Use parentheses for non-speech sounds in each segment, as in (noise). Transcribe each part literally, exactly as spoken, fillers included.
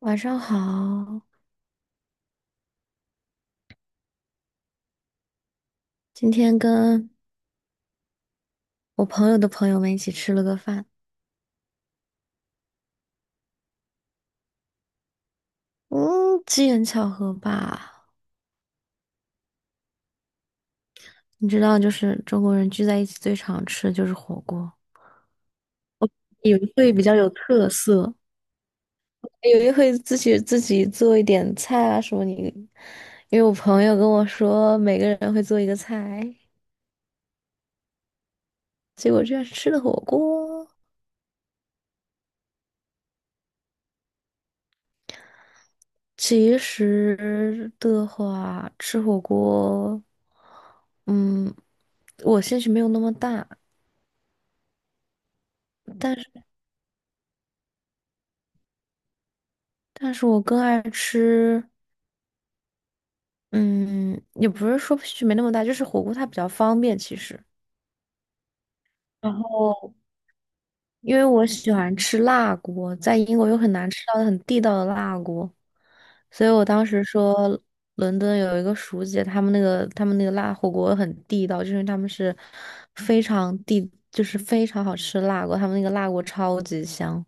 晚上好，今天跟我朋友的朋友们一起吃了个饭，嗯，机缘巧合吧。你知道，就是中国人聚在一起最常吃的就是火锅，有的会比较有特色，有的会自己自己做一点菜啊什么你。因为我朋友跟我说，每个人会做一个菜，结果居然是吃的火锅。其实的话，吃火锅，嗯，我兴趣没有那么大。但是，但是我更爱吃，嗯，也不是说区别那么大，就是火锅它比较方便，其实。然后，因为我喜欢吃辣锅，在英国又很难吃到很地道的辣锅，所以我当时说伦敦有一个熟姐，他们那个他们那个辣火锅很地道，就是他们是非常地，就是非常好吃的辣锅，他们那个辣锅超级香。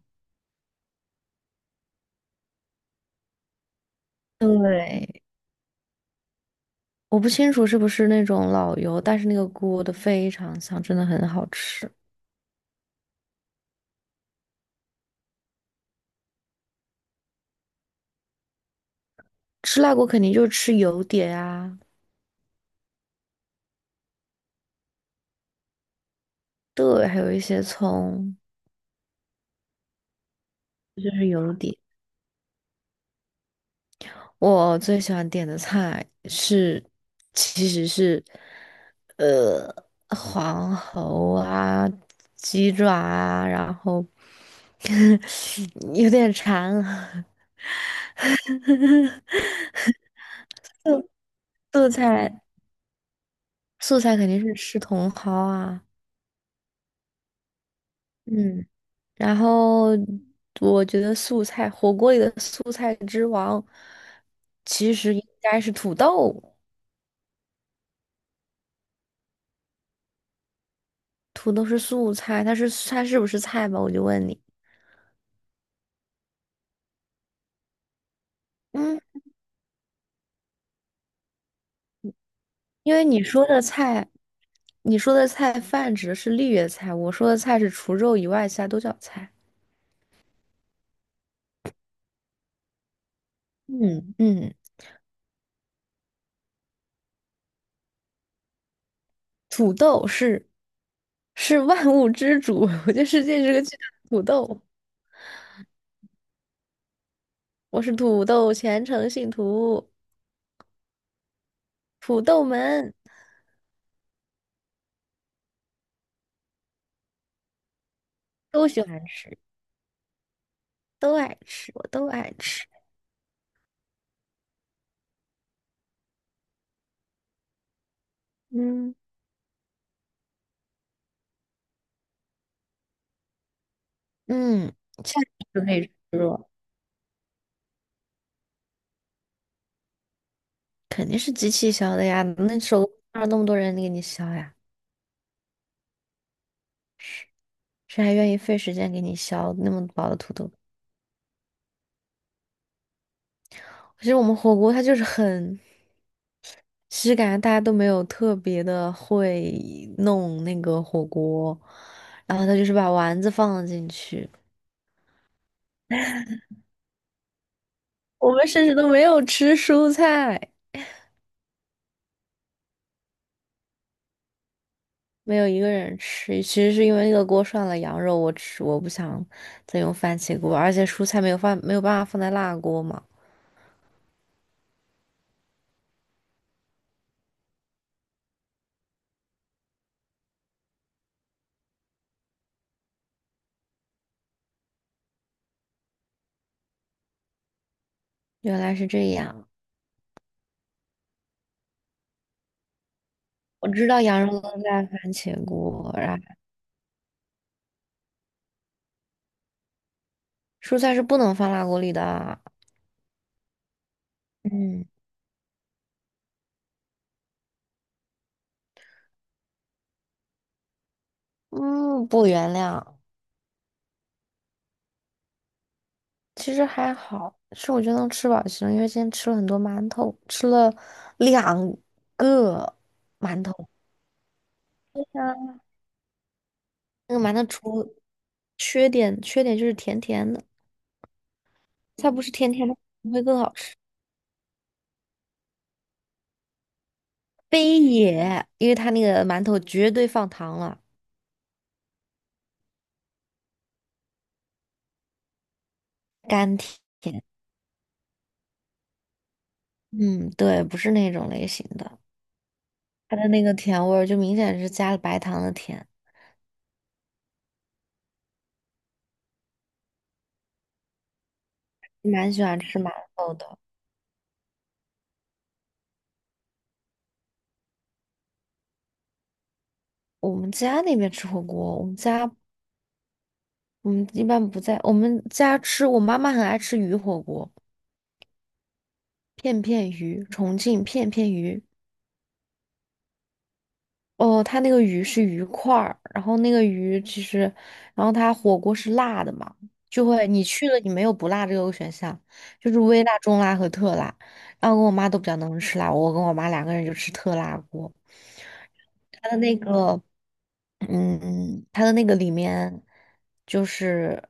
对，我不清楚是不是那种老油，但是那个锅的非常香，真的很好吃。吃辣锅肯定就是吃油碟啊，对，还有一些葱，这就是油碟。我最喜欢点的菜是，其实是，呃，黄喉啊，鸡爪啊，然后 (laughs) 有点馋了。素菜素菜肯定是吃茼蒿啊，嗯，然后我觉得素菜火锅里的素菜之王，其实应该是土豆。土豆是素菜，它是它是不是菜吧？我就问你，嗯，因为你说的菜，你说的菜泛指的是绿叶菜，我说的菜是除肉以外其他都叫菜。嗯嗯，土豆是是万物之主，(laughs) 我觉得世界是个巨大的土豆。我是土豆虔诚信徒，土豆们都喜欢吃。都爱吃，我都爱吃。嗯，嗯，下次就可以吃了，肯定是机器削的呀。那手工哪有那么多人给你削呀？谁还愿意费时间给你削那么薄的土豆？其实我们火锅它就是很，其实感觉大家都没有特别的会弄那个火锅，然后他就是把丸子放了进去，我们甚至都没有吃蔬菜。没有一个人吃，其实是因为那个锅涮了羊肉，我吃我不想再用番茄锅，而且蔬菜没有放没有办法放在辣锅嘛。原来是这样，我知道羊肉能在番茄锅，然后蔬菜是不能放辣锅里的。嗯嗯，不原谅，其实还好，是我觉得能吃饱就行，因为今天吃了很多馒头，吃了两个馒头。那个馒头除缺点缺点就是甜甜的。它不是甜甜的会更好吃。非也，因为它那个馒头绝对放糖了，甘甜。嗯，对，不是那种类型的，它的那个甜味儿就明显是加了白糖的甜。蛮喜欢吃馒头的。我们家那边吃火锅，我们家我们一般不在我们家吃，我妈妈很爱吃鱼火锅，片片鱼，重庆片片鱼。哦，它那个鱼是鱼块儿，然后那个鱼其实，然后它火锅是辣的嘛，就会你去了你没有不辣这个选项，就是微辣、中辣和特辣。然后我跟我妈都比较能吃辣，我跟我妈两个人就吃特辣锅。它的那个，嗯，它的那个里面就是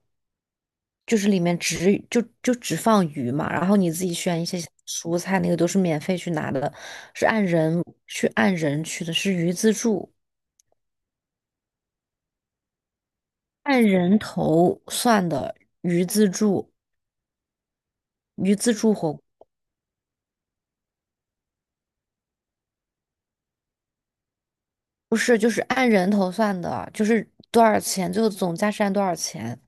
就是里面只就就只放鱼嘛，然后你自己选一些蔬菜，那个都是免费去拿的，是按人去按人去的，是鱼自助。按人头算的鱼自助，鱼自助火锅不是，就是按人头算的，就是多少钱，最后总价是按多少钱，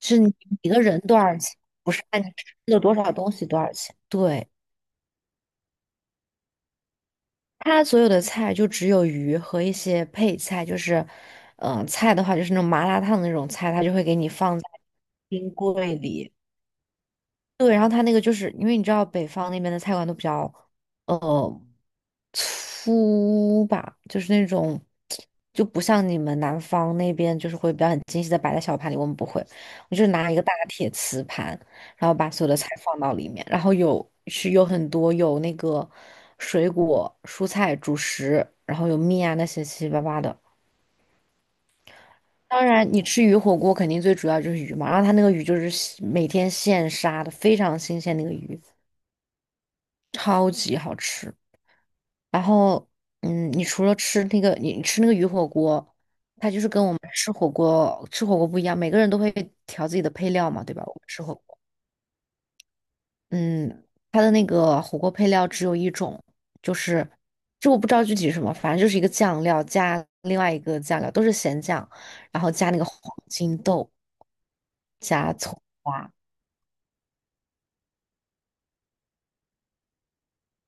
是你一个人多少钱，不是按你吃了多少东西多少钱。对，它所有的菜就只有鱼和一些配菜，就是，嗯、菜的话就是那种麻辣烫的那种菜，它就会给你放在冰柜里。对，然后它那个就是因为你知道北方那边的菜馆都比较。呃。粗吧，就是那种，就不像你们南方那边就是会比较很精细的摆在小盘里，我们不会，我就拿一个大铁瓷盘，然后把所有的菜放到里面，然后有是有很多有那个水果、蔬菜、主食，然后有面啊那些七七八八的。当然，你吃鱼火锅肯定最主要就是鱼嘛，然后它那个鱼就是现每天现杀的，非常新鲜那个鱼，超级好吃。然后，嗯，你除了吃那个，你吃那个鱼火锅，它就是跟我们吃火锅吃火锅不一样，每个人都会调自己的配料嘛，对吧？我们吃火锅，嗯，它的那个火锅配料只有一种，就是就我不知道具体是什么，反正就是一个酱料加另外一个酱料，都是咸酱，然后加那个黄金豆，加葱花，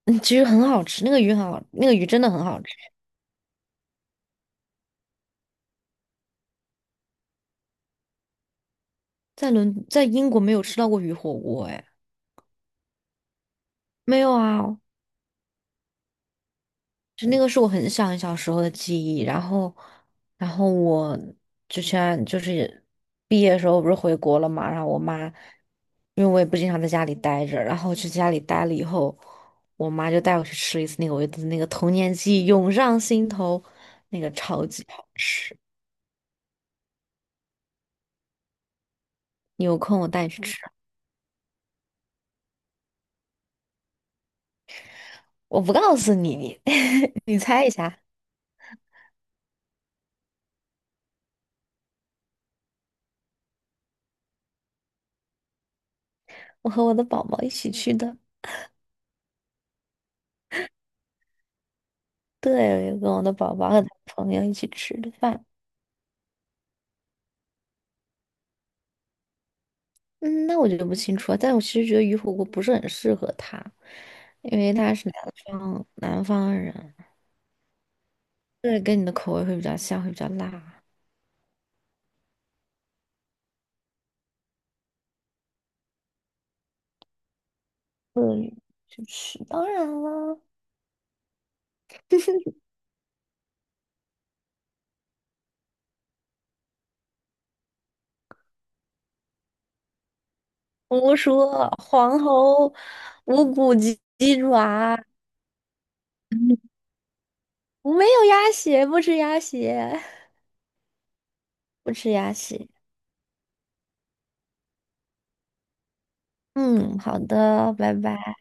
嗯，其实很好吃，那个鱼很好，那个鱼真的很好吃，在伦在英国没有吃到过鱼火锅，哎，没有啊，就那个是我很小很小时候的记忆，然后，然后，我之前就是毕业的时候不是回国了嘛，然后我妈，因为我也不经常在家里待着，然后去家里待了以后，我妈就带我去吃了一次那个我的那个童年记忆涌上心头，那个超级好吃，你有空我带你去吃，我不告诉你，你 (laughs) 你猜一下，我和我的宝宝一起去的，对，我跟我的宝宝和他朋友一起吃的饭。嗯，那我就不清楚了。但我其实觉得鱼火锅不是很适合他，因为他是南方南方人，对，跟你的口味会比较像，会比较辣。对，就是当然了，(laughs) 胡说，黄喉、无骨鸡鸡爪，我没有鸭血，不吃鸭血。(laughs) 不吃鸭血。嗯，好的，拜拜。